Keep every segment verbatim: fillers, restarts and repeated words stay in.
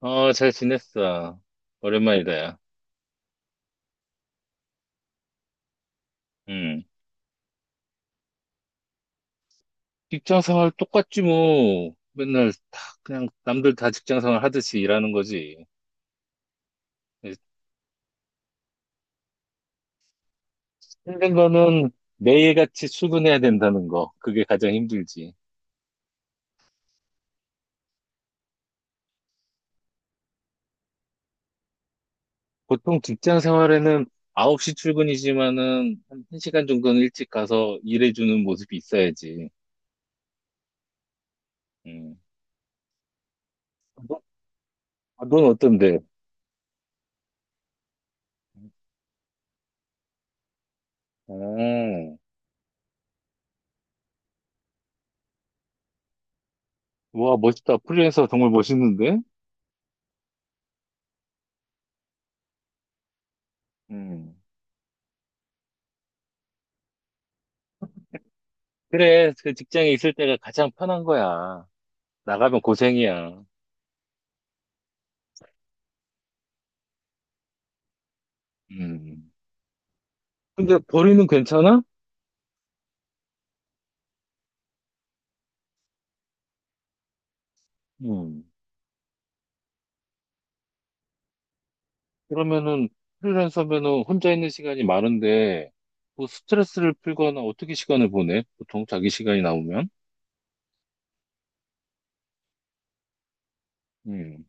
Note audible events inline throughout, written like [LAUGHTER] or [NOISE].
어, 잘 지냈어. 오랜만이다, 야. 음 직장 생활 똑같지, 뭐. 맨날 다, 그냥 남들 다 직장 생활 하듯이 일하는 거지. 힘든 거는 매일같이 출근해야 된다는 거. 그게 가장 힘들지. 보통 직장 생활에는 아홉 시 출근이지만은 한 1시간 정도는 일찍 가서 일해주는 모습이 있어야지. 음. 너, 아, 넌 어떤데? 음. 와, 멋있다. 프리랜서 정말 멋있는데? 음. 그래, 그 직장에 있을 때가 가장 편한 거야. 나가면 고생이야. 음. 근데 벌이는 괜찮아? 음. 그러면은 프리랜서면은 혼자 있는 시간이 많은데 뭐 스트레스를 풀거나 어떻게 시간을 보내? 보통 자기 시간이 나오면? 음.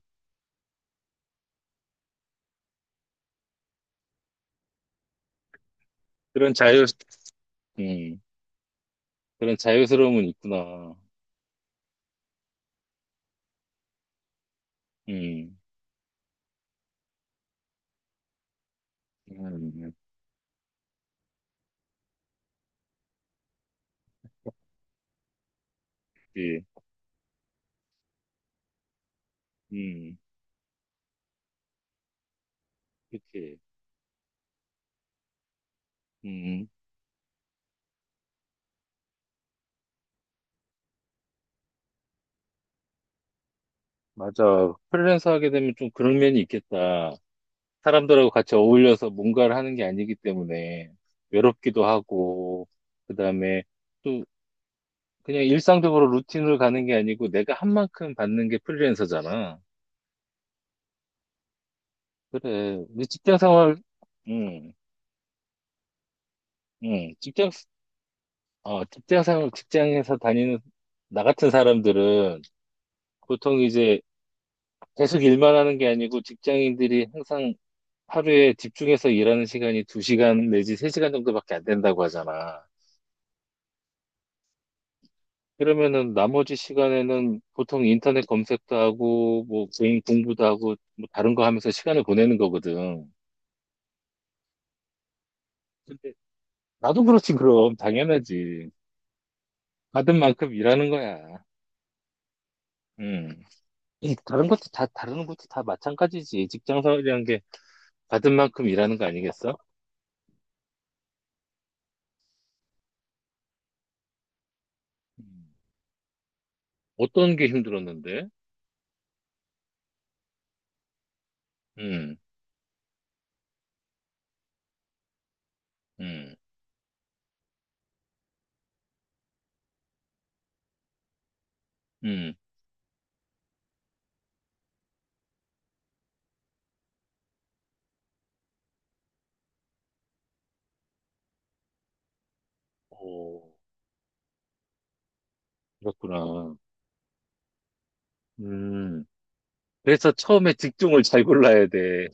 그런 자유, 음. 그런 자유스러움은 있구나. 음. 음. 그치. 음. 그치. 음. 맞아. 프리랜서 하게 되면 좀 그런 면이 있겠다. 사람들하고 같이 어울려서 뭔가를 하는 게 아니기 때문에 외롭기도 하고, 그다음에 또 그냥 일상적으로 루틴을 가는 게 아니고 내가 한 만큼 받는 게 프리랜서잖아. 그래. 우리 직장 생활, 응 응 직장, 어, 직장 생활, 직장에서 다니는 나 같은 사람들은 보통 이제 계속 일만 하는 게 아니고 직장인들이 항상 하루에 집중해서 일하는 시간이 두 시간 내지 세 시간 정도밖에 안 된다고 하잖아. 그러면은 나머지 시간에는 보통 인터넷 검색도 하고, 뭐, 개인 공부도 하고, 뭐, 다른 거 하면서 시간을 보내는 거거든. 근데 나도 그렇지, 그럼. 당연하지. 받은 만큼 일하는 거야. 음. 이 다른 것도 다, 다른 것도 다 마찬가지지. 직장 생활이란 게 받은 만큼 일하는 거 아니겠어? 음. 어떤 게 힘들었는데? 음, 음, 음. 오, 그렇구나. 음. 그래서 처음에 직종을 잘 골라야 돼.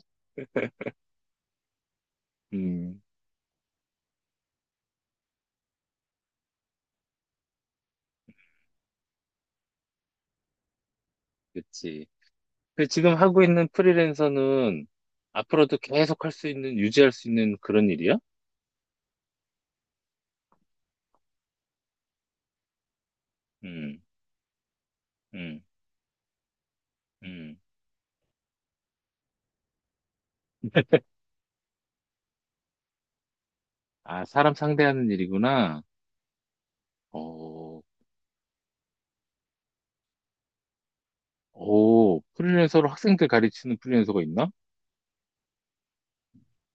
음, 그치. 그 지금 하고 있는 프리랜서는 앞으로도 계속 할 수 있는, 유지할 수 있는 그런 일이야? 음, 음, 음. 아, 사람 상대하는 일이구나. 어, 오, 프리랜서로 학생들 가르치는 프리랜서가 있나?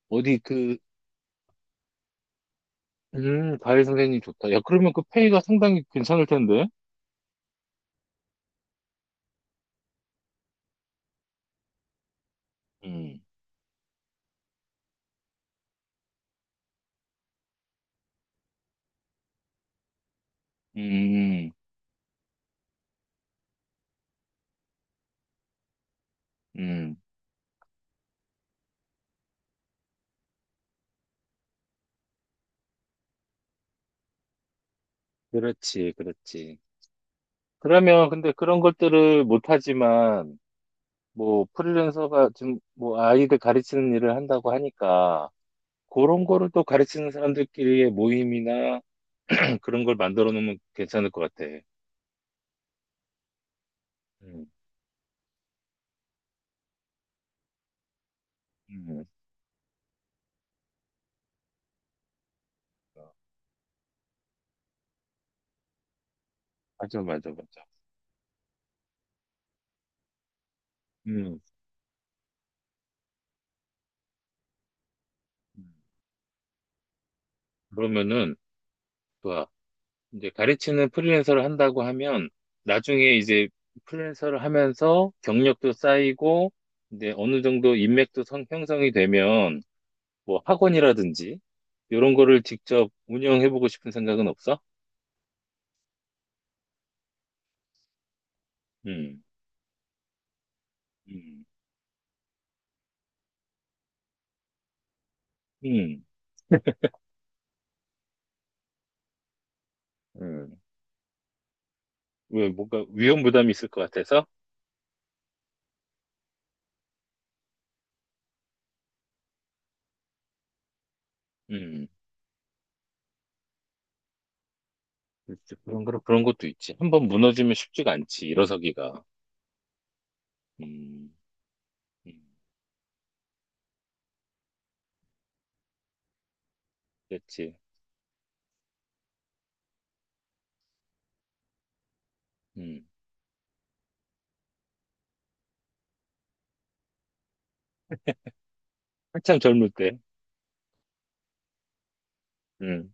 어디 그, 음, 과외 선생님 좋다. 야, 그러면 그 페이가 상당히 괜찮을 텐데? 음, 음, 음. 그렇지, 그렇지. 그러면 근데 그런 것들을 못하지만, 뭐, 프리랜서가 지금 뭐 아이들 가르치는 일을 한다고 하니까, 그런 거를 또 가르치는 사람들끼리의 모임이나 [CLEARS THROAT] 그런 걸 만들어 놓으면 괜찮을 것 같아. 음, 음. 맞아, 맞아, 맞아. 음. 음. 그러면은, 좋아. 이제 가르치는 프리랜서를 한다고 하면, 나중에 이제 프리랜서를 하면서 경력도 쌓이고, 이제 어느 정도 인맥도 성- 형성이 되면, 뭐 학원이라든지, 이런 거를 직접 운영해보고 싶은 생각은 없어? 음, 음, 음, 음. 왜, 뭔가 위험 부담이 있을 것 같아서? 음, 렇지 그런, 그런 그런 것도 있지. 한 번 무너지면 쉽지가 않지, 일어서기가. 음, 음, 그렇지. 음, 한참 젊을 때. 음,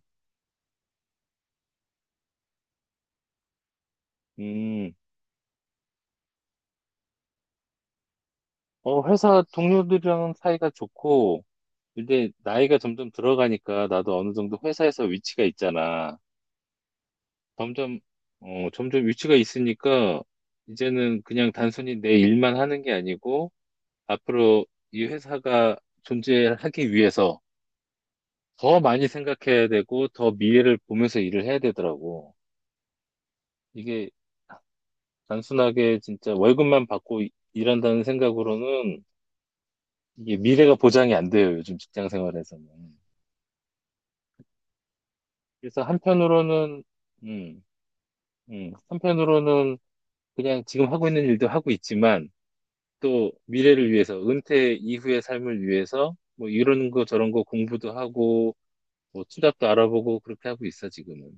음, 어, 회사 동료들이랑 사이가 좋고, 근데 나이가 점점 들어가니까 나도 어느 정도 회사에서 위치가 있잖아. 점점, 어, 점점 위치가 있으니까, 이제는 그냥 단순히 내 일만 하는 게 아니고, 앞으로 이 회사가 존재하기 위해서, 더 많이 생각해야 되고, 더 미래를 보면서 일을 해야 되더라고. 이게 단순하게 진짜 월급만 받고 이- 일한다는 생각으로는 이게 미래가 보장이 안 돼요, 요즘 직장 생활에서는. 그래서 한편으로는, 음, 음, 한편으로는 그냥 지금 하고 있는 일도 하고 있지만, 또 미래를 위해서, 은퇴 이후의 삶을 위해서, 뭐 이런 거 저런 거 공부도 하고, 뭐 투잡도 알아보고 그렇게 하고 있어, 지금은.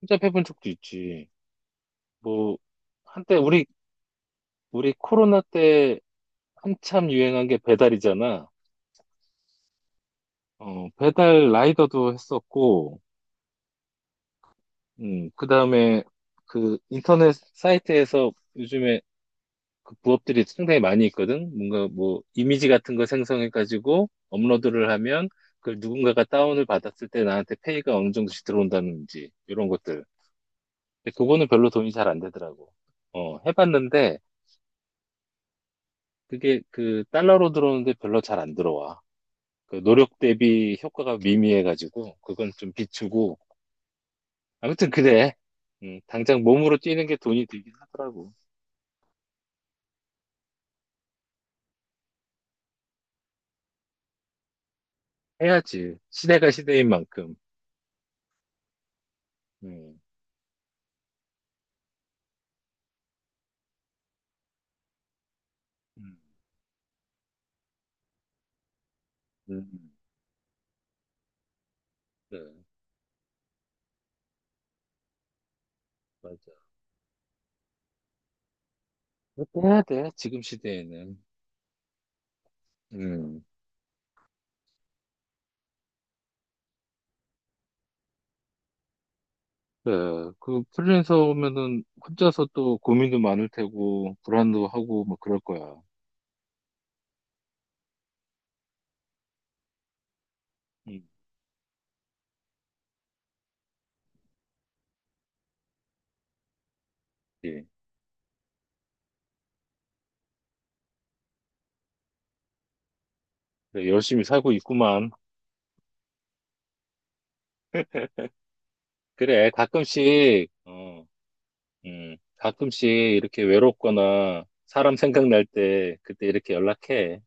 투잡해본 적도 있지. 뭐, 한때 우리 우리 코로나 때 한참 유행한 게 배달이잖아. 어, 배달 라이더도 했었고, 음, 그 다음에 그 인터넷 사이트에서 요즘에 그 부업들이 상당히 많이 있거든. 뭔가 뭐 이미지 같은 거 생성해가지고 업로드를 하면 그걸 누군가가 다운을 받았을 때 나한테 페이가 어느 정도씩 들어온다든지 이런 것들. 근데 그거는 별로 돈이 잘 안 되더라고. 어, 해봤는데 그게 그 달러로 들어오는데 별로 잘 안 들어와. 그 노력 대비 효과가 미미해가지고 그건 좀 비추고 아무튼 그래. 음, 당장 몸으로 뛰는 게 돈이 들긴 하더라고. 해야지. 시대가 시대인 만큼. 음, 음. 음, 네, 맞아. 그렇게 해야 돼. 지금 시대에는. 음. 그그 프리랜서 오면은 혼자서 또 고민도 많을 테고 불안도 하고 뭐 그럴 거야. 음. 예. 그래, 열심히 살고 있구만. 그래. 가끔씩 어, 음, 가끔씩 이렇게 외롭거나 사람 생각날 때 그때 이렇게 연락해.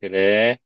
그래.